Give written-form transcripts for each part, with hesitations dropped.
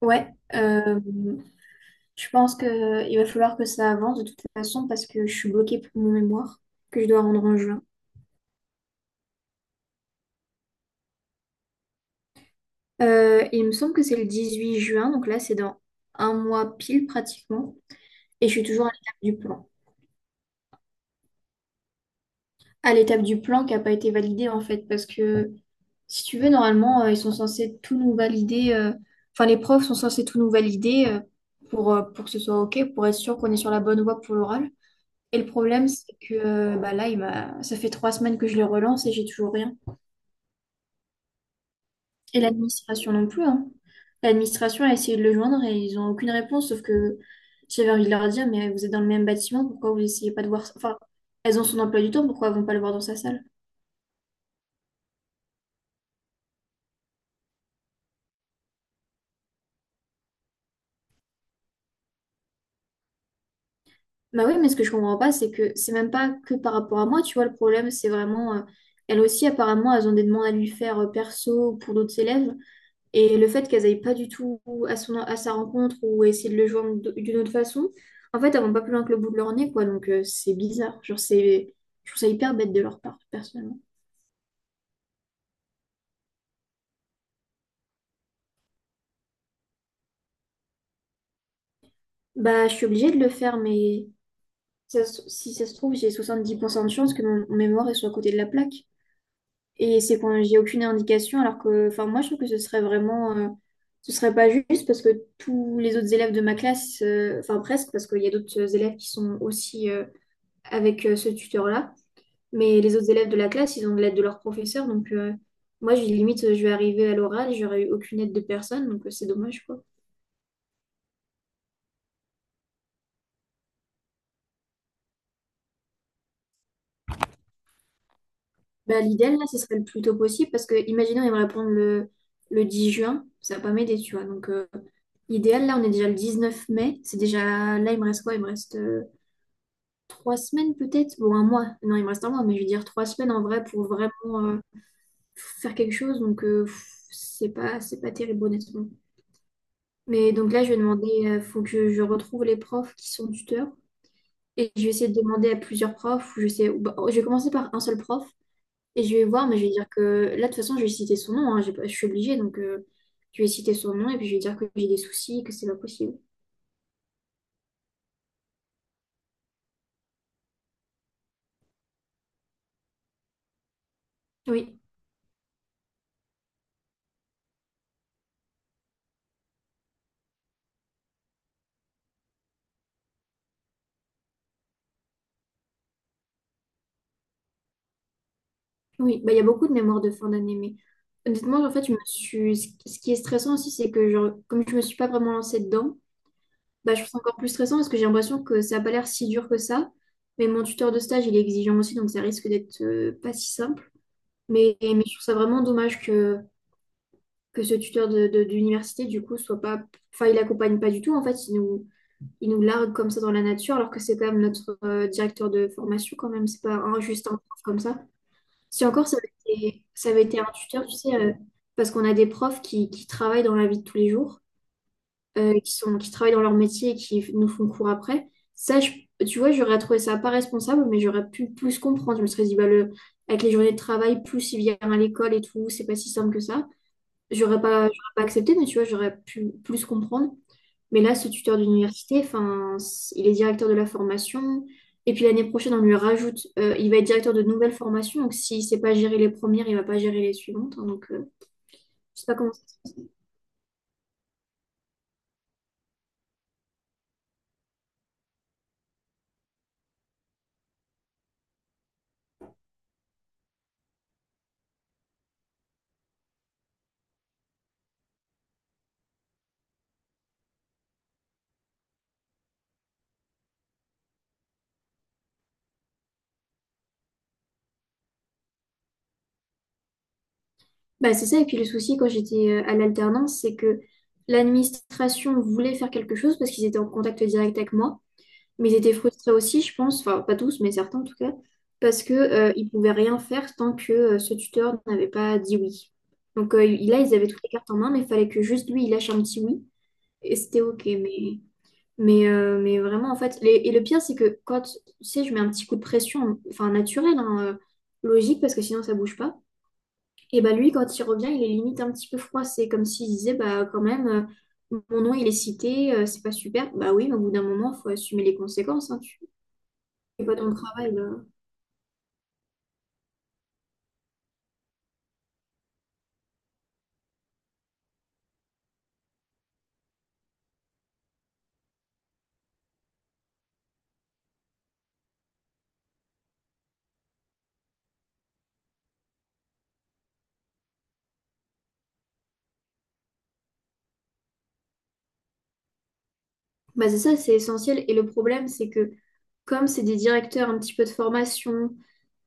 Ouais, euh, je pense que il va falloir que ça avance de toute façon parce que je suis bloquée pour mon mémoire que je dois rendre en juin. Il me semble que c'est le 18 juin, donc là c'est dans un mois pile pratiquement, et je suis toujours à l'étape du plan. À l'étape du plan qui n'a pas été validée en fait, parce que si tu veux, normalement ils sont censés tout nous valider, enfin les profs sont censés tout nous valider pour que ce soit OK, pour être sûr qu'on est sur la bonne voie pour l'oral. Et le problème, c'est que bah là, ça fait trois semaines que je le relance et j'ai toujours rien. Et l'administration non plus, hein. L'administration a essayé de le joindre et ils n'ont aucune réponse, sauf que j'avais envie de leur dire, mais vous êtes dans le même bâtiment, pourquoi vous essayez pas de voir... ça enfin, elles ont son emploi du temps, pourquoi elles vont pas le voir dans sa salle? Bah oui, mais ce que je comprends pas, c'est que c'est même pas que par rapport à moi, tu vois, le problème, c'est vraiment... elles aussi, apparemment, elles ont des demandes à lui faire perso ou pour d'autres élèves. Et le fait qu'elles n'aillent pas du tout à son, à sa rencontre ou essayer de le joindre d'une autre façon, en fait, elles vont pas plus loin que le bout de leur nez, quoi. Donc, c'est bizarre. Genre, c'est, je trouve ça hyper bête de leur part, personnellement. Bah, je suis obligée de le faire, mais si ça se trouve, j'ai 70% de chance que mon mémoire il soit à côté de la plaque. Et c'est quand j'ai aucune indication, alors que, enfin, moi, je trouve que ce serait vraiment, ce serait pas juste parce que tous les autres élèves de ma classe, enfin, presque, parce qu'il y a d'autres élèves qui sont aussi, avec ce tuteur-là. Mais les autres élèves de la classe, ils ont de l'aide de leur professeur. Donc, moi, j'ai limite, je vais arriver à l'oral et j'aurais eu aucune aide de personne. Donc, c'est dommage, quoi. Bah, l'idéal, là, ce serait le plus tôt possible parce que, imaginons, il me répondent le 10 juin. Ça va pas m'aider, tu vois. Donc, idéal, là, on est déjà le 19 mai. C'est déjà. Là, il me reste quoi? Il me reste trois semaines, peut-être? Bon, un mois. Non, il me reste un mois, mais je veux dire trois semaines en vrai pour vraiment faire quelque chose. Donc, pff, c'est pas terrible, honnêtement. Mais donc là, je vais demander, faut que je retrouve les profs qui sont tuteurs. Et je vais essayer de demander à plusieurs profs. Ou Je sais, ou Bah, je vais commencer par un seul prof. Et je vais voir, mais je vais dire que là, de toute façon, je vais citer son nom, hein. j'ai pas- Je suis obligée. Donc, je vais citer son nom et puis je vais dire que j'ai des soucis, que c'est pas possible. Oui, oui. Bah, il y a beaucoup de mémoires de fin d'année. Mais honnêtement, en fait, ce qui est stressant aussi, c'est que, genre, comme je me suis pas vraiment lancée dedans, bah, je trouve ça encore plus stressant parce que j'ai l'impression que ça n'a pas l'air si dur que ça. Mais mon tuteur de stage, il est exigeant aussi, donc ça risque d'être pas si simple. Mais je trouve ça vraiment dommage que ce tuteur d'université, du coup, soit pas... Enfin, il accompagne pas du tout, en fait. Il nous largue comme ça dans la nature, alors que c'est quand même notre directeur de formation, quand même. C'est pas un, juste un prof comme ça. Si encore, ça avait été un tuteur, tu sais, parce qu'on a des profs qui travaillent dans la vie de tous les jours qui travaillent dans leur métier et qui nous font cours après. Ça, je- tu vois, j'aurais trouvé ça pas responsable, mais j'aurais pu plus comprendre. Je me serais dit, bah, le, avec les journées de travail, plus il vient à l'école et tout, c'est pas si simple que ça. J'aurais pas accepté, mais tu vois, j'aurais pu plus comprendre. Mais là, ce tuteur d'université, enfin, il est directeur de la formation. Et puis l'année prochaine, on lui rajoute, il va être directeur de nouvelles formations. Donc s'il ne sait pas gérer les premières, il ne va pas gérer les suivantes, hein. Donc, je sais pas comment ça. Bah, c'est ça, et puis le souci quand j'étais à l'alternance, c'est que l'administration voulait faire quelque chose parce qu'ils étaient en contact direct avec moi, mais ils étaient frustrés aussi, je pense, enfin pas tous, mais certains en tout cas, parce que ils pouvaient rien faire tant que ce tuteur n'avait pas dit oui. Donc là, ils avaient toutes les cartes en main, mais il fallait que juste lui, il lâche un petit oui, et c'était OK, mais vraiment, en fait, et le pire, c'est que quand, tu sais, je mets un petit coup de pression, enfin naturel, hein, logique, parce que sinon ça bouge pas. Et bah lui, quand il revient, il est limite un petit peu froissé, comme s'il disait, bah quand même, mon nom il est cité, c'est pas super. Bah oui, mais au bout d'un moment, faut assumer les conséquences, hein, tu fais pas ton travail là. Bah c'est ça, c'est essentiel. Et le problème, c'est que comme c'est des directeurs un petit peu de formation,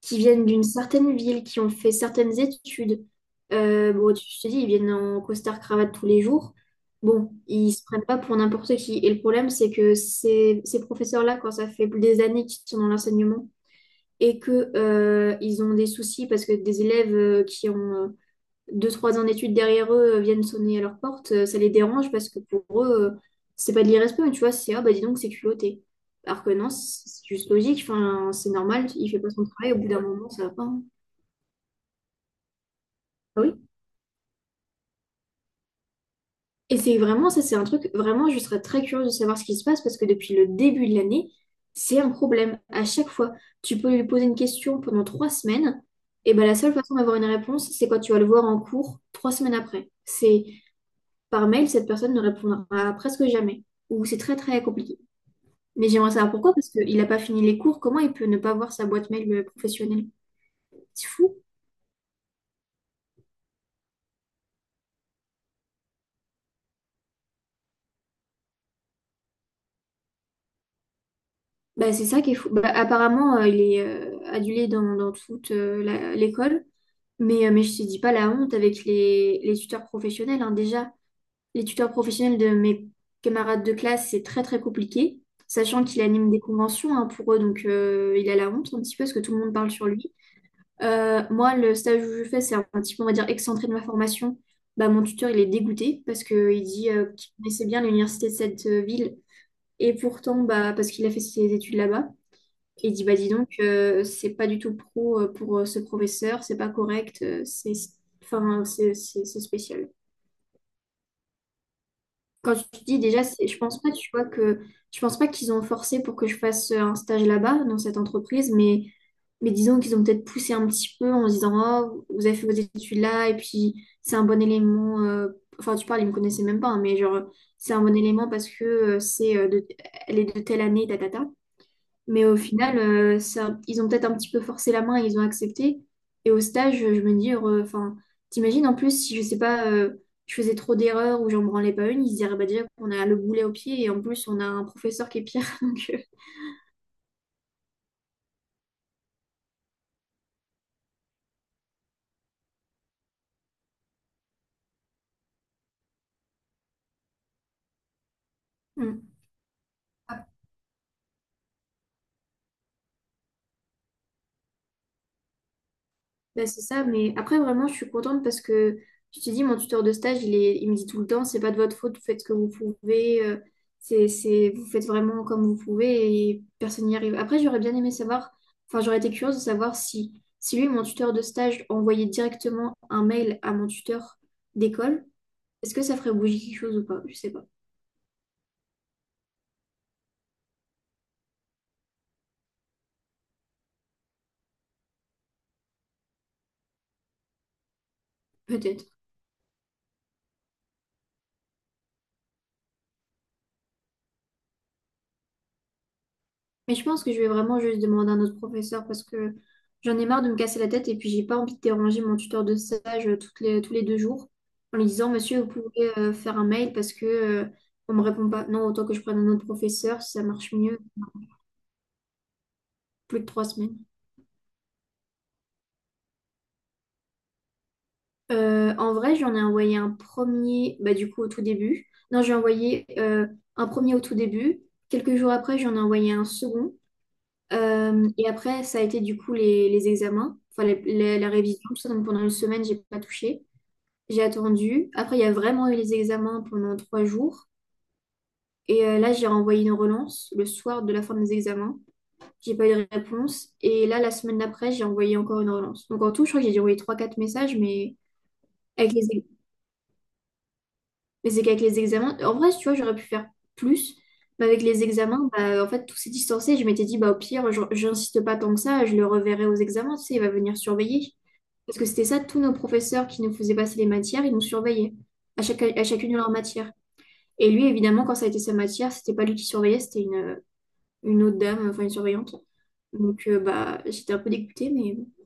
qui viennent d'une certaine ville, qui ont fait certaines études, bon, tu je te dis, ils viennent en costard-cravate tous les jours. Bon, ils se prennent pas pour n'importe qui. Et le problème, c'est que ces professeurs-là, quand ça fait des années qu'ils sont dans l'enseignement, et que ils ont des soucis parce que des élèves qui ont deux, trois ans d'études derrière eux viennent sonner à leur porte, ça les dérange parce que pour eux, c'est pas de l'irrespect, mais tu vois, c'est ah bah dis donc, c'est culotté. Alors que non, c'est juste logique, enfin, c'est normal, il fait pas son travail, au bout d'un moment, ça va pas, hein. Ah oui. Et c'est vraiment, ça c'est un truc, vraiment, je serais très curieuse de savoir ce qui se passe parce que depuis le début de l'année, c'est un problème. À chaque fois, tu peux lui poser une question pendant trois semaines, et ben la seule façon d'avoir une réponse, c'est quand tu vas le voir en cours trois semaines après. C'est par mail, cette personne ne répondra presque jamais, ou c'est très très compliqué. Mais j'aimerais savoir pourquoi, parce qu'il n'a pas fini les cours, comment il peut ne pas voir sa boîte mail professionnelle? C'est fou. Bah, c'est ça qui est fou. Bah, apparemment, il est adulé dans, dans toute l'école. Mais je te dis pas la honte avec les tuteurs professionnels, hein. Déjà, les tuteurs professionnels de mes camarades de classe, c'est très très compliqué. Sachant qu'il anime des conventions hein, pour eux, donc il a la honte un petit peu parce que tout le monde parle sur lui. Moi, le stage où je fais, c'est un petit peu, on va dire, excentré de ma formation. Bah, mon tuteur, il est dégoûté parce qu'il dit qu'il connaissait bien l'université de cette ville. Et pourtant, bah, parce qu'il a fait ses études là-bas. Et il dit, bah dis donc, c'est pas du tout pro pour ce professeur, c'est pas correct, c'est enfin, c'est spécial. Quand tu dis déjà, je pense pas, tu vois, que je pense pas qu'ils ont forcé pour que je fasse un stage là-bas, dans cette entreprise, mais disons qu'ils ont peut-être poussé un petit peu en se disant, oh, vous avez fait vos études là, et puis c'est un bon élément. Enfin, tu parles, ils me connaissaient même pas, hein, mais genre, c'est un bon élément parce que elle est de telle année, tata, mais au final, ça, ils ont peut-être un petit peu forcé la main et ils ont accepté. Et au stage, je me dis, enfin, t'imagines en plus si je sais pas, je faisais trop d'erreurs ou j'en branlais pas une, ils se diraient bah, déjà qu'on a le boulet au pied et en plus on a un professeur qui est pire. Donc, hmm. Ben, c'est ça, mais après vraiment je suis contente parce que je te dis, mon tuteur de stage, il me dit tout le temps, c'est pas de votre faute, vous faites ce que vous pouvez, vous faites vraiment comme vous pouvez et personne n'y arrive. Après j'aurais bien aimé savoir, enfin j'aurais été curieuse de savoir si, si lui, mon tuteur de stage, envoyait directement un mail à mon tuteur d'école, est-ce que ça ferait bouger quelque chose ou pas? Je sais pas, peut-être. Mais je pense que je vais vraiment juste demander à notre professeur parce que j'en ai marre de me casser la tête et puis j'ai pas envie de déranger mon tuteur de stage tous les deux jours en lui disant, Monsieur, vous pouvez faire un mail parce que on me répond pas. Non, autant que je prenne un autre professeur, si ça marche mieux. Plus de trois semaines. En vrai, j'en ai envoyé un premier, bah, du coup, au tout début. Non, j'ai envoyé un premier au tout début. Quelques jours après, j'en ai envoyé un second. Et après, ça a été du coup les examens, enfin la révision, tout ça. Donc pendant une semaine, j'ai pas touché. J'ai attendu. Après, il y a vraiment eu les examens pendant trois jours. Et là, j'ai renvoyé une relance le soir de la fin des examens. J'ai pas eu de réponse. Et là, la semaine d'après, j'ai envoyé encore une relance. Donc en tout, je crois que j'ai dû envoyer 3-4 messages, mais avec les, ex- mais c'est qu'avec les examens. En vrai, tu vois, j'aurais pu faire plus. Mais avec les examens, bah, en fait, tout s'est distancé. Je m'étais dit, bah, au pire, j'insiste pas tant que ça, je le reverrai aux examens, tu sais, il va venir surveiller. Parce que c'était ça, tous nos professeurs qui nous faisaient passer les matières, ils nous surveillaient à chacune de leurs matières. Et lui, évidemment, quand ça a été sa matière, c'était pas lui qui surveillait, une autre dame, enfin une surveillante. Donc, bah, j'étais un peu dégoûtée, mais bon.